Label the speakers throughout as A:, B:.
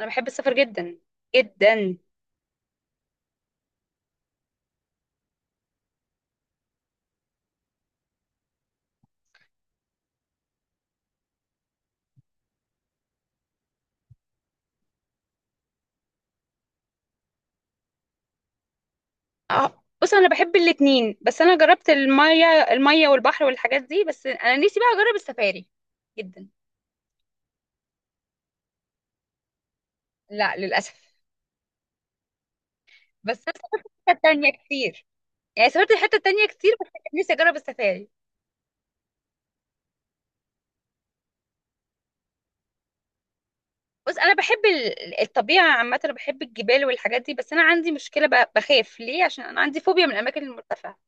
A: انا بحب السفر جدا جدا. اه، بص، انا بحب الاتنين بس انا جربت المية المية والبحر والحاجات دي، بس انا نفسي بقى اجرب السفاري جدا. لا، للاسف. بس انا سافرت حتة تانية كتير. يعني سافرت حتة تانية كتير بس كان نفسي اجرب السفاري. بص، انا بحب الطبيعة عامة، انا بحب الجبال والحاجات دي، بس انا عندي مشكلة، بخاف ليه عشان انا عندي فوبيا من الاماكن المرتفعة.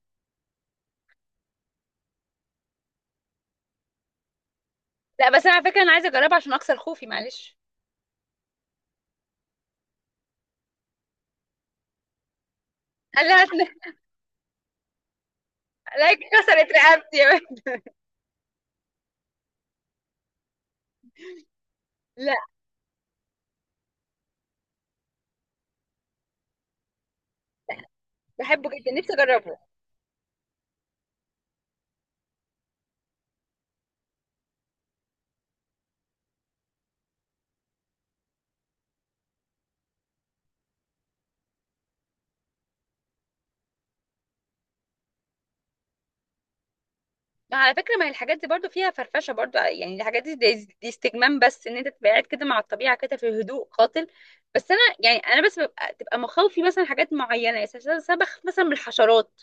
A: لا، بس انا على فكرة انا عايزة اجربها عشان اكسر خوفي، معلش. لا لا، كسرت رقبتي. لا، بحبه جدا، نفسي اجربه. ما على فكرة ما هي الحاجات دي برضو فيها فرفشة برضو، يعني الحاجات دي استجمام، بس ان انت تبقى قاعد كده مع الطبيعة كده في هدوء قاتل. بس انا يعني انا بس ببقى تبقى مخاوفي مثلا حاجات معينة، يعني مثلا أنا بخاف مثلا من الحشرات،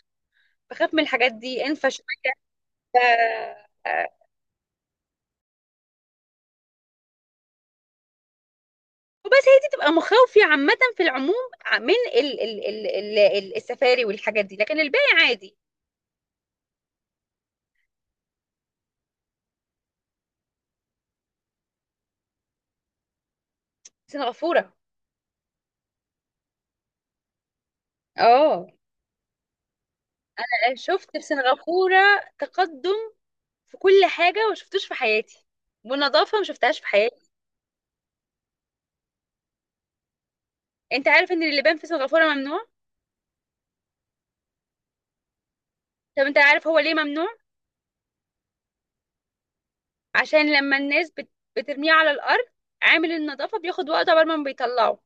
A: بخاف من الحاجات دي، انفع شوية. آه، وبس هي دي تبقى مخاوفي عامة في العموم، من السفاري والحاجات دي، لكن الباقي عادي. سنغافورة. اه. شفت في سنغافورة تقدم في كل حاجة ما شفتوش في حياتي، والنظافة ما شفتهاش في حياتي. انت عارف ان اللبان في سنغافورة ممنوع؟ طب انت عارف هو ليه ممنوع؟ عشان لما بترميه على الارض، عامل النظافة بياخد وقت عبال ما بيطلعه.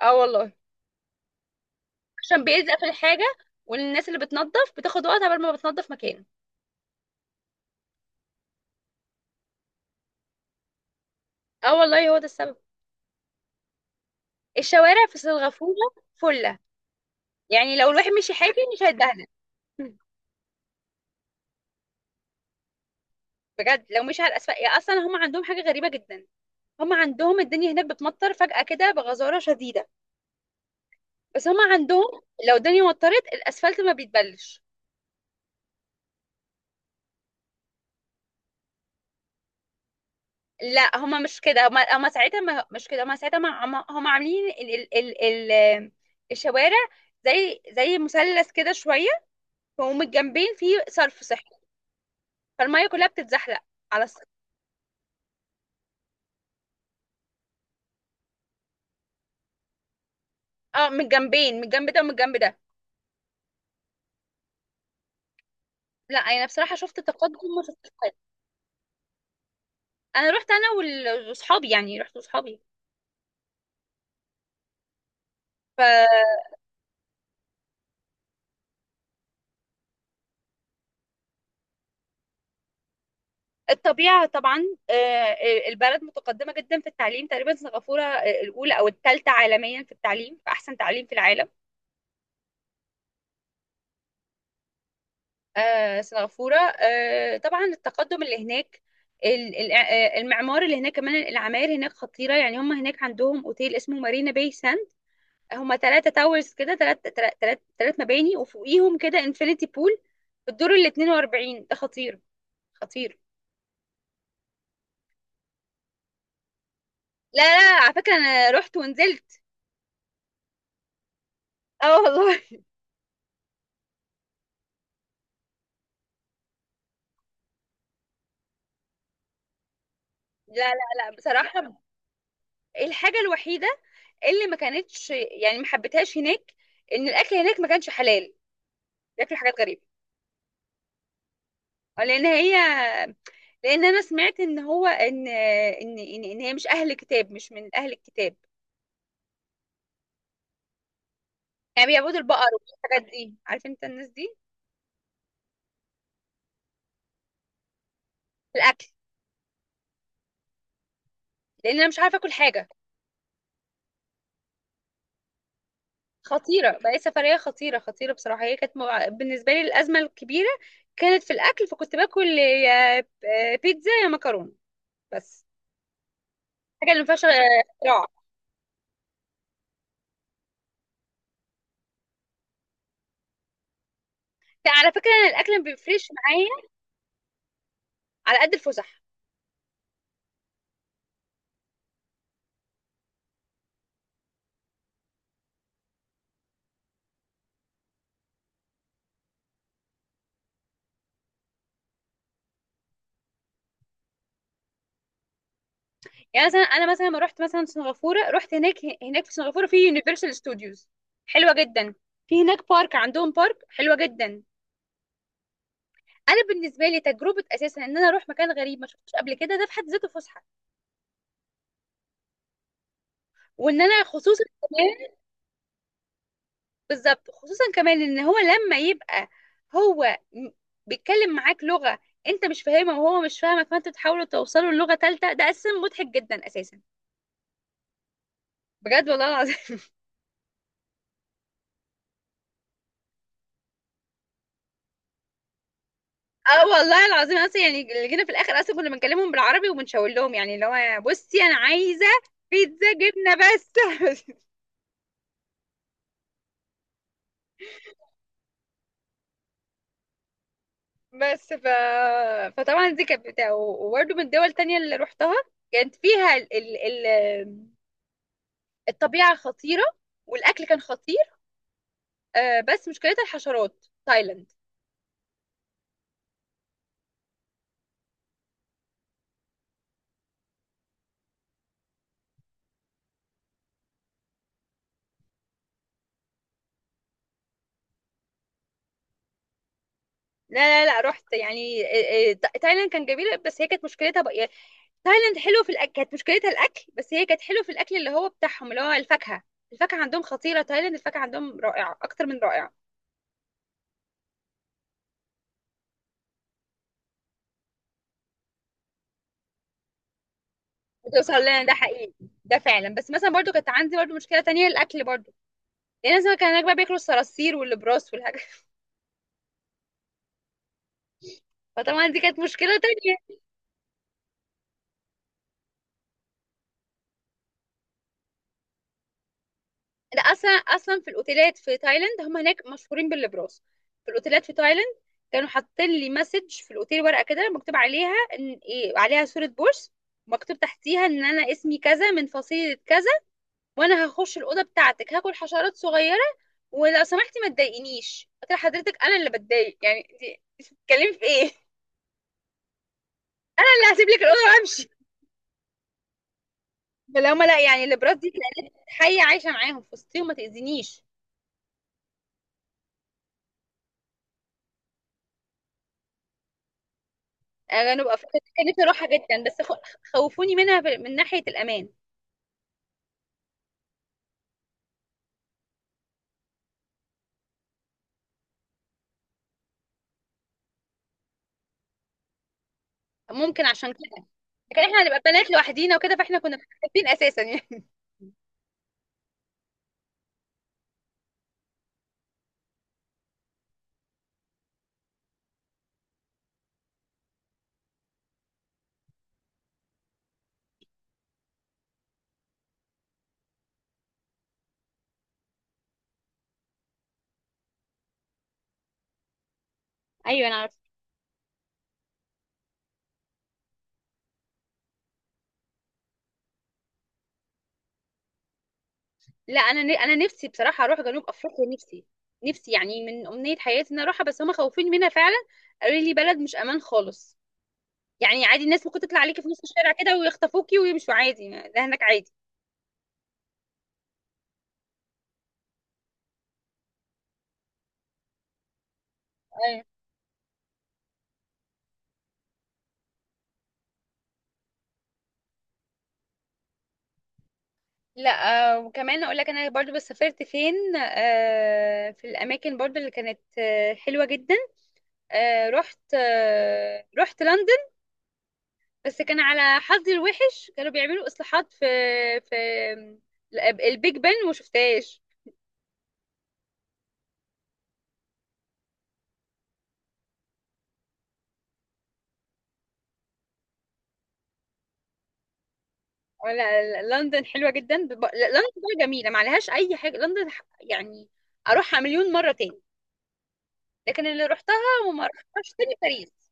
A: اه والله. عشان بيلزق في الحاجة، والناس اللي بتنظف بتاخد وقت عبال ما بتنظف مكانه. اه والله، هو ده السبب. الشوارع في سنغافورة فلة، يعني لو الواحد مشي حاجة مش هيتدهن. بجد لو مشي على الاسفل، يا اصلا هم عندهم حاجة غريبة جدا، هم عندهم الدنيا هناك بتمطر فجأة كده بغزارة شديدة، بس هم عندهم لو الدنيا مطرت الاسفلت ما بيتبلش. لا، هما مش كده، هما هما ساعتها ما مش كده، هما ساعتها ما هما هما عاملين ال الشوارع زي مثلث كده شويه، ومن الجنبين فيه صرف صحي، فالميه كلها بتتزحلق على الصرف. اه، من الجنبين، من الجنب ده ومن الجنب ده. لا انا بصراحه شفت تقدم وما شفتش فرق. انا رحت انا واصحابي، يعني رحت واصحابي. فالطبيعه طبعا. البلد متقدمه جدا في التعليم، تقريبا سنغافوره الاولى او الثالثه عالميا في التعليم، في احسن تعليم في العالم. سنغافورة، طبعا التقدم اللي هناك، المعمار اللي هناك كمان، العماير هناك خطيرة، يعني هم هناك عندهم اوتيل اسمه مارينا باي ساند. هم ثلاثة تاورز كده، ثلاث مباني وفوقيهم كده انفينيتي بول في الدور ال 42، ده خطير خطير. لا لا، على فكرة انا رحت ونزلت. اه والله. لا لا لا، بصراحة الحاجة الوحيدة اللي ما كانتش يعني ما حبيتهاش هناك ان الاكل هناك ما كانش حلال، بياكلوا حاجات غريبة. آه، لان هي، لان انا سمعت ان هو إن هي مش اهل كتاب، مش من اهل الكتاب، يعني بيعبدوا البقر والحاجات دي، عارف انت الناس دي. في الاكل، لان انا مش عارفه اكل حاجه. خطيره بقى، سفريه خطيره خطيره بصراحه، هي كانت بالنسبه لي الازمه الكبيره كانت في الاكل، فكنت باكل يا بيتزا يا مكرونه بس، حاجه اللي ما فيهاش اختراع. على فكره انا الاكل ما بيفرقش معايا، على قد الفسح. يعني مثلا انا مثلا لما رحت مثلا سنغافوره، رحت هناك، هناك في سنغافوره في يونيفرسال ستوديوز، حلوه جدا، في هناك بارك، عندهم بارك حلوه جدا. انا بالنسبه لي تجربه اساسا ان انا اروح مكان غريب ما شفتوش قبل كده ده في حد ذاته فسحه، وان انا خصوصا كمان. بالظبط، خصوصا كمان ان هو لما يبقى هو م- بيتكلم معاك لغه انت مش فاهمها وهو مش فاهمك، فانت تحاولوا توصلوا للغه ثالثه، ده اساسا مضحك جدا اساسا، بجد والله العظيم. اه والله العظيم، اصلا يعني اللي جينا في الاخر اصلا كنا بنكلمهم بالعربي وبنشاور لهم، يعني اللي هو بصي انا عايزه بيتزا جبنه بس. بس ف... فطبعا دي كانت بتاع، وبرده من الدول التانية اللي روحتها كانت فيها الطبيعه خطيره والاكل كان خطير. بس مشكلتها الحشرات، تايلاند. لا لا لا، رحت يعني تايلاند كان جميل، بس هي كانت مشكلتها بقى يعني، تايلاند حلو في الاكل، كانت مشكلتها الاكل، بس هي كانت حلو في الاكل اللي هو بتاعهم اللي هو الفاكهه، الفاكهه عندهم خطيره، تايلاند الفاكهه عندهم رائعه اكتر من رائعه. بتوصل لنا ده حقيقي، ده فعلا. بس مثلا برضو كانت عندي برضو مشكله تانية الاكل برضو، يعني مثلا كان هناك بقى بياكلوا الصراصير والبراس والحاجات. فطبعا دي كانت مشكله تانية. ده اصلا اصلا في الاوتيلات في تايلاند، هم هناك مشهورين بالبراس، في الاوتيلات في تايلاند كانوا حاطين لي مسج في الاوتيل، ورقه كده مكتوب عليها ان إيه، عليها صوره بورس، مكتوب تحتيها ان انا اسمي كذا من فصيله كذا، وانا هخش الاوضه بتاعتك هاكل حشرات صغيره ولو سمحتي ما تضايقنيش. قلت لها حضرتك انا اللي بتضايق، يعني انت بتتكلمي في ايه؟ انا اللي هسيب لك الاوضه وامشي، فلو ما لا يعني الابراج دي كانت حيه عايشه معاهم في وسطي وما تاذينيش. انا ببقى فاكرة، كان نفسي اروحها جدا، بس خوفوني منها من ناحيه الامان. ممكن عشان كده. لكن احنا هنبقى بنات لوحدينا وكده، فاحنا كنا مستخبيين اساسا يعني. ايوه انا. لا انا انا نفسي بصراحه اروح جنوب افريقيا، نفسي، نفسي يعني من امنيه حياتي ان اروحها، بس هم خوفين منها فعلا، قالوا لي بلد مش امان خالص، يعني عادي الناس ممكن تطلع عليكي في نص الشارع كده ويخطفوكي ويمشوا عادي، ده هناك عادي. أيوة. لا. وكمان اقول لك انا برضو بس، سافرت فين في الاماكن برضو اللي كانت حلوه جدا، رحت رحت لندن، بس كان على حظي الوحش كانوا بيعملوا اصلاحات في في البيج بن وما شفتهاش. لا، لندن حلوة جدا لا، لندن بقى جميلة ما عليهاش أي حاجة، لندن يعني أروحها مليون مرة تاني، لكن اللي روحتها وما روحتهاش تاني باريس،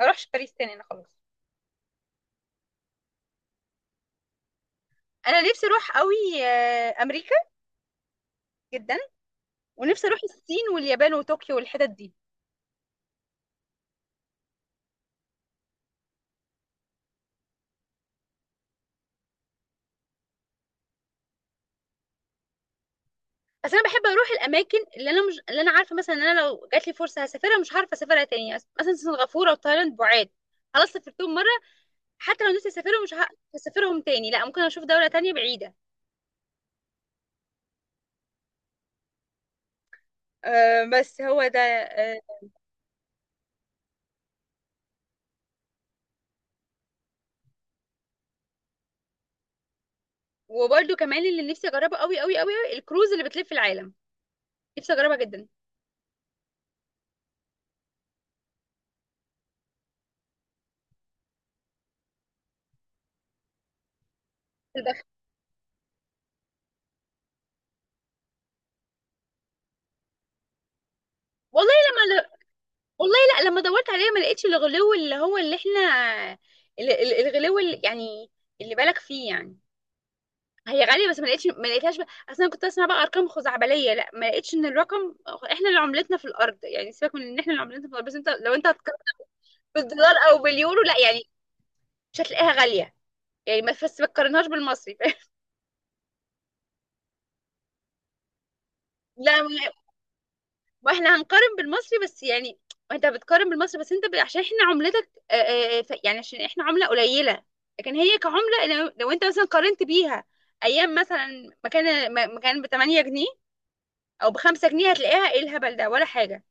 A: ما أروحش باريس تاني أنا خلاص. أنا نفسي أروح قوي أمريكا جدا، ونفسي أروح الصين واليابان وطوكيو والحتت دي. بس أنا بحب أروح الأماكن اللي أنا مش، اللي أنا عارفة مثلا إن أنا لو جات لي فرصة هسافرها مش هعرف أسافرها تاني، مثلا سنغافورة وتايلاند بعاد خلاص سافرتهم مرة، حتى لو نفسي أسافرهم مش ه- هسافرهم تاني لا، ممكن أشوف دولة تانية بعيدة. بس هو ده. وبرده كمان اللي نفسي اجربه قوي قوي قوي، الكروز اللي بتلف العالم، نفسي اجربها جدا. في البحر. والله لما ل... والله لا لما دورت عليها ما لقيتش الغلو اللي هو اللي احنا، الغلو اللي يعني اللي بالك فيه يعني، هي غاليه بس ما لقيتش، ما لقيتهاش بقى، اصلا كنت اسمع بقى ارقام خزعبليه، لا ما لقيتش ان الرقم احنا اللي عملتنا في الارض، يعني سيبك من ان احنا اللي عملتنا في الارض، بس انت لو انت هتقارن بالدولار او باليورو لا يعني مش هتلاقيها غاليه، يعني ما، بس ما تقارنهاش بالمصري. لا. واحنا هنقارن بالمصري بس يعني، انت بتقارن بالمصري بس عشان احنا عملتك يعني عشان احنا عملة قليلة، لكن هي كعملة لو، انت مثلا قارنت بيها ايام مثلا مكان مكان ب 8 جنيه او ب 5 جنيه، هتلاقيها ايه الهبل ده ولا حاجة.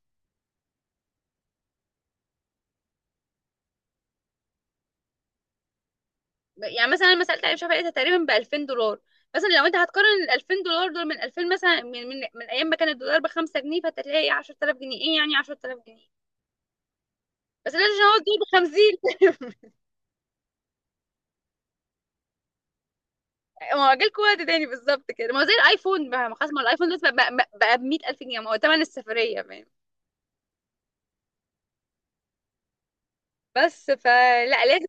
A: يعني مثلا انا لما سألت علي شافعي لقيتها تقريبا ب 2000 دولار، مثلا لو انت هتقارن ال 2000 دولار دول من 2000، مثلا من من ايام ما كان الدولار ب 5 جنيه، فانت هتلاقي 10000 جنيه، ايه يعني 10000 جنيه، بس لازم هو دول ب 50. ما هو جالكوا وقت تاني بالظبط كده، ما هو زي الايفون بقى، ما خلاص، ما هو الايفون دلوقتي بقى ب 100000 جنيه، ما هو تمن السفرية، فاهم. بس فلا لازم،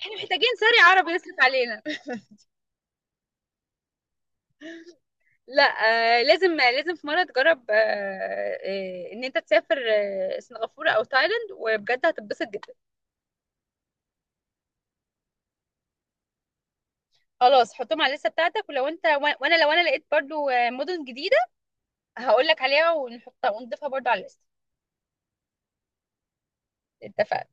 A: يعني محتاجين ساري عربي يصرف علينا. لا. لازم لازم في مرة تجرب ان انت تسافر سنغافورة او تايلاند، وبجد هتتبسط جدا. خلاص حطهم على الليستة بتاعتك، ولو انت، وانا لو انا لقيت برضو مدن جديدة هقول لك عليها ونحطها ونضيفها برضو على الليستة. اتفقنا.